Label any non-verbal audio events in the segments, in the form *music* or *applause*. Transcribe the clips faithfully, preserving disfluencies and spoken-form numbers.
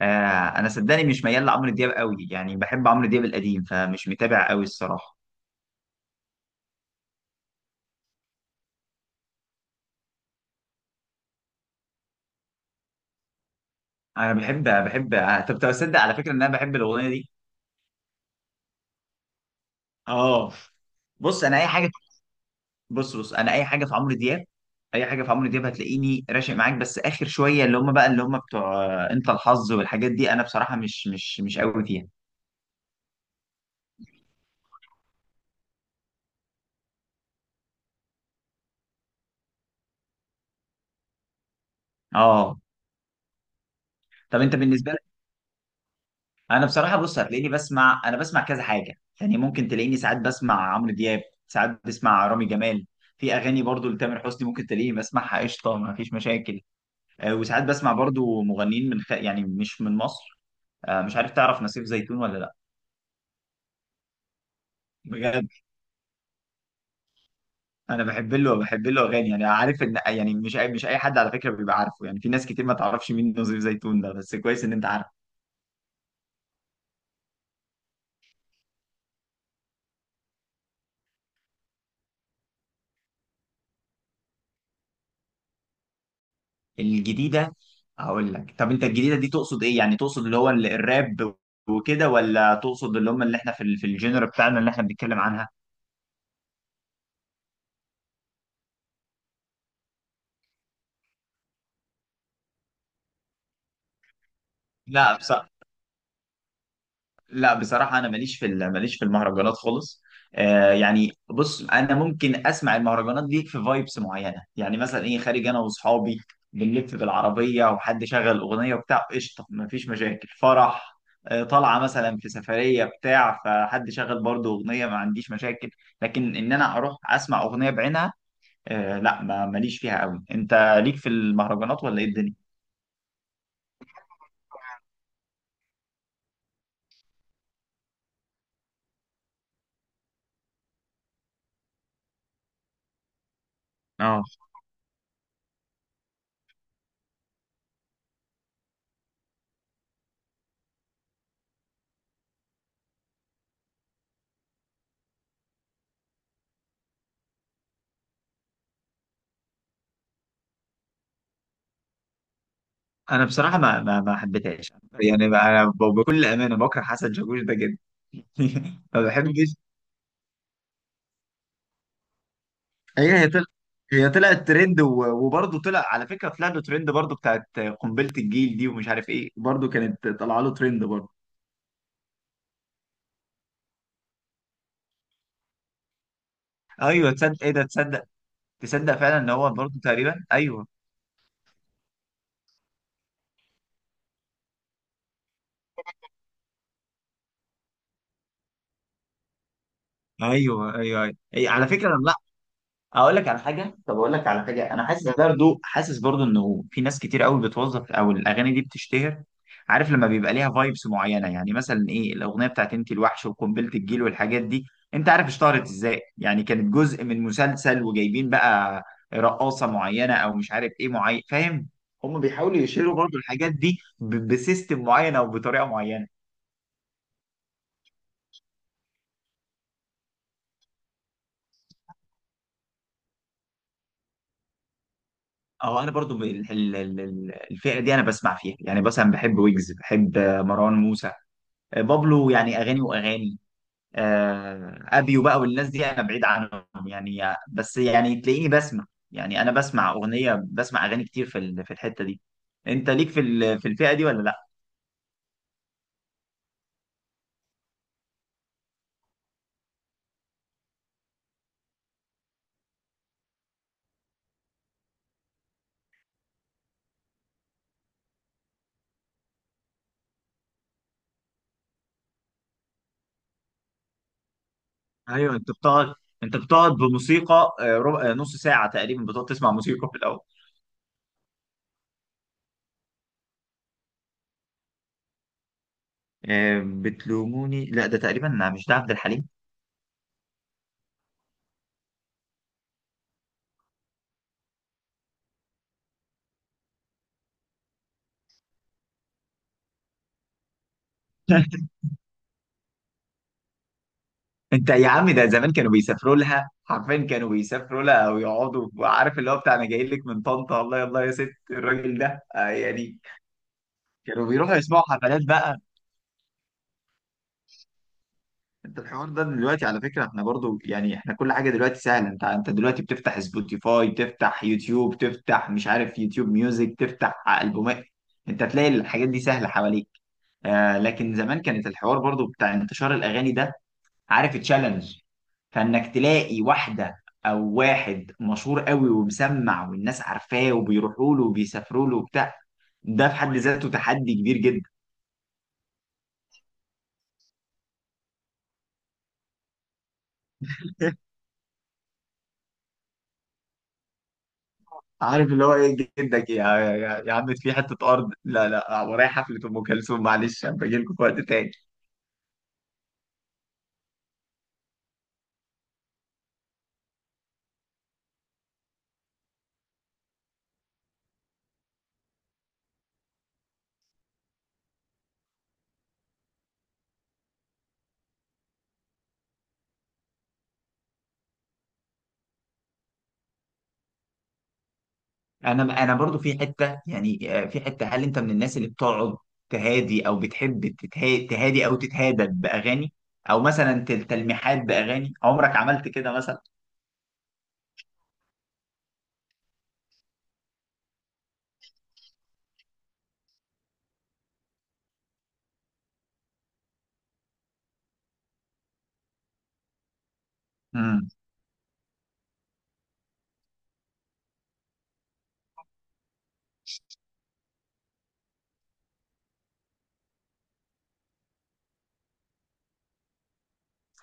آه انا صدقني مش ميال لعمرو دياب قوي، يعني بحب عمرو دياب القديم فمش متابع قوي الصراحه. انا بحب بحب آه، طب تصدق على فكره ان انا بحب الاغنيه دي. اه، بص انا اي حاجه بص بص انا اي حاجه في عمرو دياب. اي حاجه في عمرو دياب هتلاقيني راشق معاك، بس اخر شويه اللي هم بقى اللي هم بتوع آه، انت الحظ والحاجات دي، انا بصراحه مش مش مش قوي فيها. اه، طب انت بالنسبه؟ انا بصراحه بص هتلاقيني بسمع انا بسمع كذا حاجه، يعني ممكن تلاقيني ساعات بسمع عمرو دياب، ساعات بسمع رامي جمال. في اغاني برضو لتامر حسني ممكن تلاقيني بسمعها، قشطه ما فيش مشاكل. آه، وساعات بسمع برضو مغنيين من خ... يعني مش من مصر. آه، مش عارف، تعرف نسيف زيتون ولا لا؟ بجد، انا بحب له بحب له اغاني. يعني عارف ان، يعني مش اي مش اي حد على فكره بيبقى عارفه، يعني في ناس كتير ما تعرفش مين نسيف زيتون ده، بس كويس ان انت عارف. الجديدة؟ هقول لك. طب انت الجديدة دي تقصد ايه؟ يعني تقصد اللي هو ال- الراب وكده، ولا تقصد اللي هم اللي احنا في ال- في الجنر بتاعنا اللي احنا بنتكلم عنها؟ لا، لا بصراحة أنا ماليش في ال- ماليش في المهرجانات خالص. آه يعني بص أنا ممكن أسمع المهرجانات دي في فايبس معينة، يعني مثلا إيه، خارج أنا وأصحابي بنلف بالعربية وحد شغل أغنية وبتاع، قشطة مفيش مشاكل. فرح، آه طالعة مثلا في سفرية بتاع، فحد شغل برضه أغنية ما عنديش مشاكل. لكن إن أنا أروح أسمع أغنية بعينها، آه لا ما- ماليش فيها قوي. أنت ليك في المهرجانات ولا إيه الدنيا؟ انا بصراحه ما ما, ما حبيتهاش، يعني ما- انا ب- بكل امانه بكره حسن شاكوش ده جدا. *laughs* ما بحبش. هي هي طلع هي طلعت ترند، و- وبرضه طلع على فكره، طلع له ترند برضه بتاعت قنبله الجيل دي، ومش عارف ايه برضه كانت طالعه له ترند برضه. ايوه تصدق، ايه ده، تصدق، تصدق فعلا ان هو برضه تقريبا، ايوه، ايوه، ايوه. أيوة. أيوة. على فكره انا اقول لك على حاجه، طب اقول لك على حاجه. انا حاسس برضو حاسس برضو انه في ناس كتير قوي بتوظف، او الاغاني دي بتشتهر، عارف، لما بيبقى ليها فايبس معينه. يعني مثلا ايه الاغنيه بتاعت انت الوحش وقنبله الجيل والحاجات دي، انت عارف اشتهرت ازاي؟ يعني كانت جزء من مسلسل، وجايبين بقى رقاصه معينه او مش عارف ايه معين، فاهم؟ هم بيحاولوا يشيروا برضو الحاجات دي ب- بسيستم معين او بطريقه معينه. او انا برضو ب- ال- ال- ال- الفئه دي انا بسمع فيها، يعني مثلا بحب ويجز، بحب مروان موسى، بابلو، يعني اغاني واغاني. آه، ابيو بقى والناس دي انا بعيد عنهم يعني. بس يعني تلاقيني بسمع، يعني انا بسمع اغنيه، بسمع اغاني كتير في ال- في الحته دي. انت ليك في ال- في الفئه دي ولا لا؟ ايوه. انت بتقعد، انت بتقعد بموسيقى آه، ربع، آه، نص ساعه تقريبا بتقعد تسمع موسيقى في الاول. آه، بتلوموني؟ لا ده تقريبا مش ده عبد الحليم. *laughs* انت يا عم، ده زمان كانوا بيسافروا لها حرفيا، كانوا بيسافروا لها او يقعدوا، وعارف اللي هو بتاع انا جاي لك من طنطا، الله يلا يا ست، الراجل ده آه يعني، كانوا بيروحوا يسمعوا حفلات بقى. انت الحوار ده دلوقتي على فكره احنا برضو، يعني احنا كل حاجه دلوقتي سهله، انت انت دلوقتي بتفتح سبوتيفاي، تفتح يوتيوب، تفتح مش عارف يوتيوب ميوزك، تفتح البومات، انت تلاقي الحاجات دي سهله حواليك. آه لكن زمان كانت الحوار برضو بتاع انتشار الاغاني ده، عارف، تشالنج، فانك تلاقي واحده او واحد مشهور قوي، ومسمع، والناس عارفاه، وبيروحوا له وبيسافروا له وبتاع، ده في حد ذاته تحدي كبير جدا. *laughs* عارف اللي هو ايه، جدك، يا يا, يا عم في حته ارض، لا لا ورايا حفله ام كلثوم معلش هبقى اجي لكم في وقت تاني. انا انا برضو في حته يعني، آه، في حته، هل انت من الناس اللي بتقعد تهادي، او بتحب تتها- تهادي او تتهادى باغاني؟ او مثلا تل- تلميحات باغاني، عمرك عملت كده مثلا؟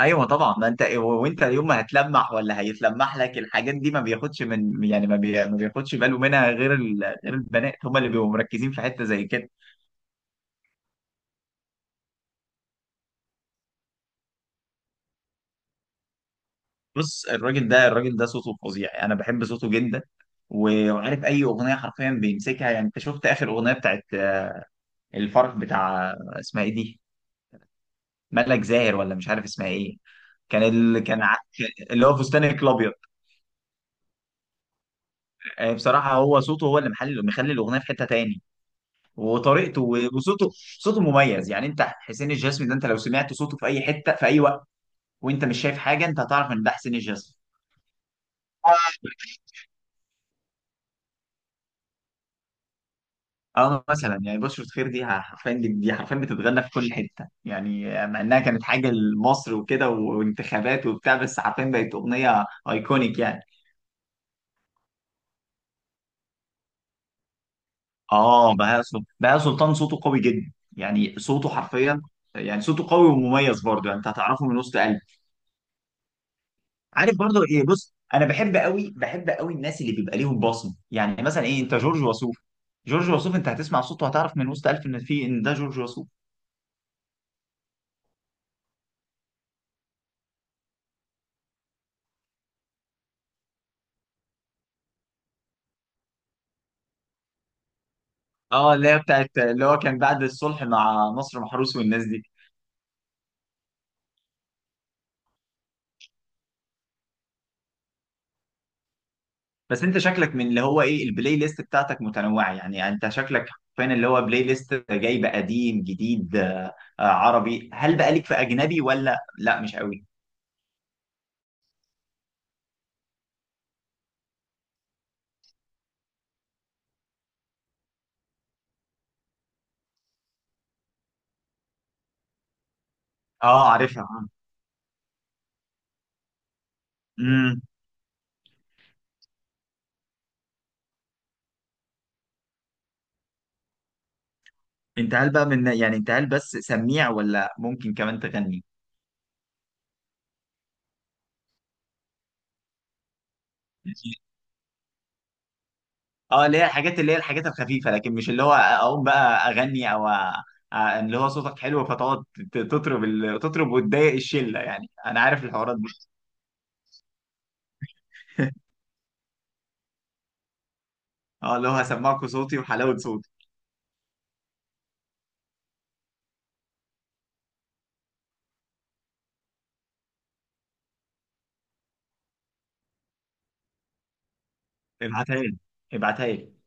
ايوه طبعا، ما انت و- وانت يوم ما هتلمح ولا هيتلمح لك الحاجات دي، ما بياخدش، من يعني، ما, بي... ما بياخدش باله منها غير ال... غير البنات، هم اللي بيبقوا مركزين في حته زي كده. بص الراجل ده، الراجل ده صوته فظيع، انا بحب صوته جدا. و- وعارف اي اغنيه حرفيا بيمسكها، يعني انت شفت اخر اغنيه بتاعت الفرح بتاع، اسمها ايه دي؟ ملك زاهر ولا مش عارف اسمها ايه؟ كان ال... كان ع- اللي هو فستانك الابيض. آه، بصراحه هو صوته، هو اللي محل مخلي الاغنيه في حته تاني، وطريقته، وصوته، صوته مميز يعني. انت حسين الجسمي ده، انت لو سمعت صوته في اي حته في اي وقت وانت مش شايف حاجه، انت هتعرف ان ده حسين الجسمي. اه، مثلا يعني بشرة خير دي حرفيا دي حرفيا بتتغنى في كل حته، يعني مع انها كانت حاجه لمصر وكده، وانتخابات وبتاع، بس حرفيا بقت اغنيه ايكونيك يعني. اه، بهاء سلطان، بهاء سلطان صوته قوي جدا، يعني صوته حرفيا، يعني صوته قوي ومميز برضه، يعني انت هتعرفه من وسط قلبك. عارف برضو ايه؟ بص انا بحب قوي، بحب قوي الناس اللي بيبقى ليهم بصمه، يعني مثلا ايه، انت جورج وسوف، جورج وسوف انت هتسمع صوته هتعرف من وسط ألف ان في ان ده جورج وسوف. اه، اللي هي بتاعت اللي هو، كان بعد الصلح مع نصر محروس والناس دي. بس انت شكلك من اللي هو ايه، البلاي ليست بتاعتك متنوعه يعني. انت شكلك فين اللي هو بلاي ليست جايب قديم جديد آه، آه، عربي، هل بقى ليك في اجنبي ولا لا مش قوي؟ اه، عارفها. امم. انت هل بقى من، يعني انت هل بس سميع ولا ممكن كمان تغني؟ اه، اللي هي الحاجات اللي هي الحاجات الخفيفه، لكن مش اللي هو اقوم بقى اغني، او أ- اللي هو صوتك حلو فتقعد ت- تطرب، ال- تطرب وتضايق الشله يعني، انا عارف الحوارات دي. اه، اللي هو هسمعكوا صوتي وحلاوه صوتي. ابعتها لي، ابعتها لي.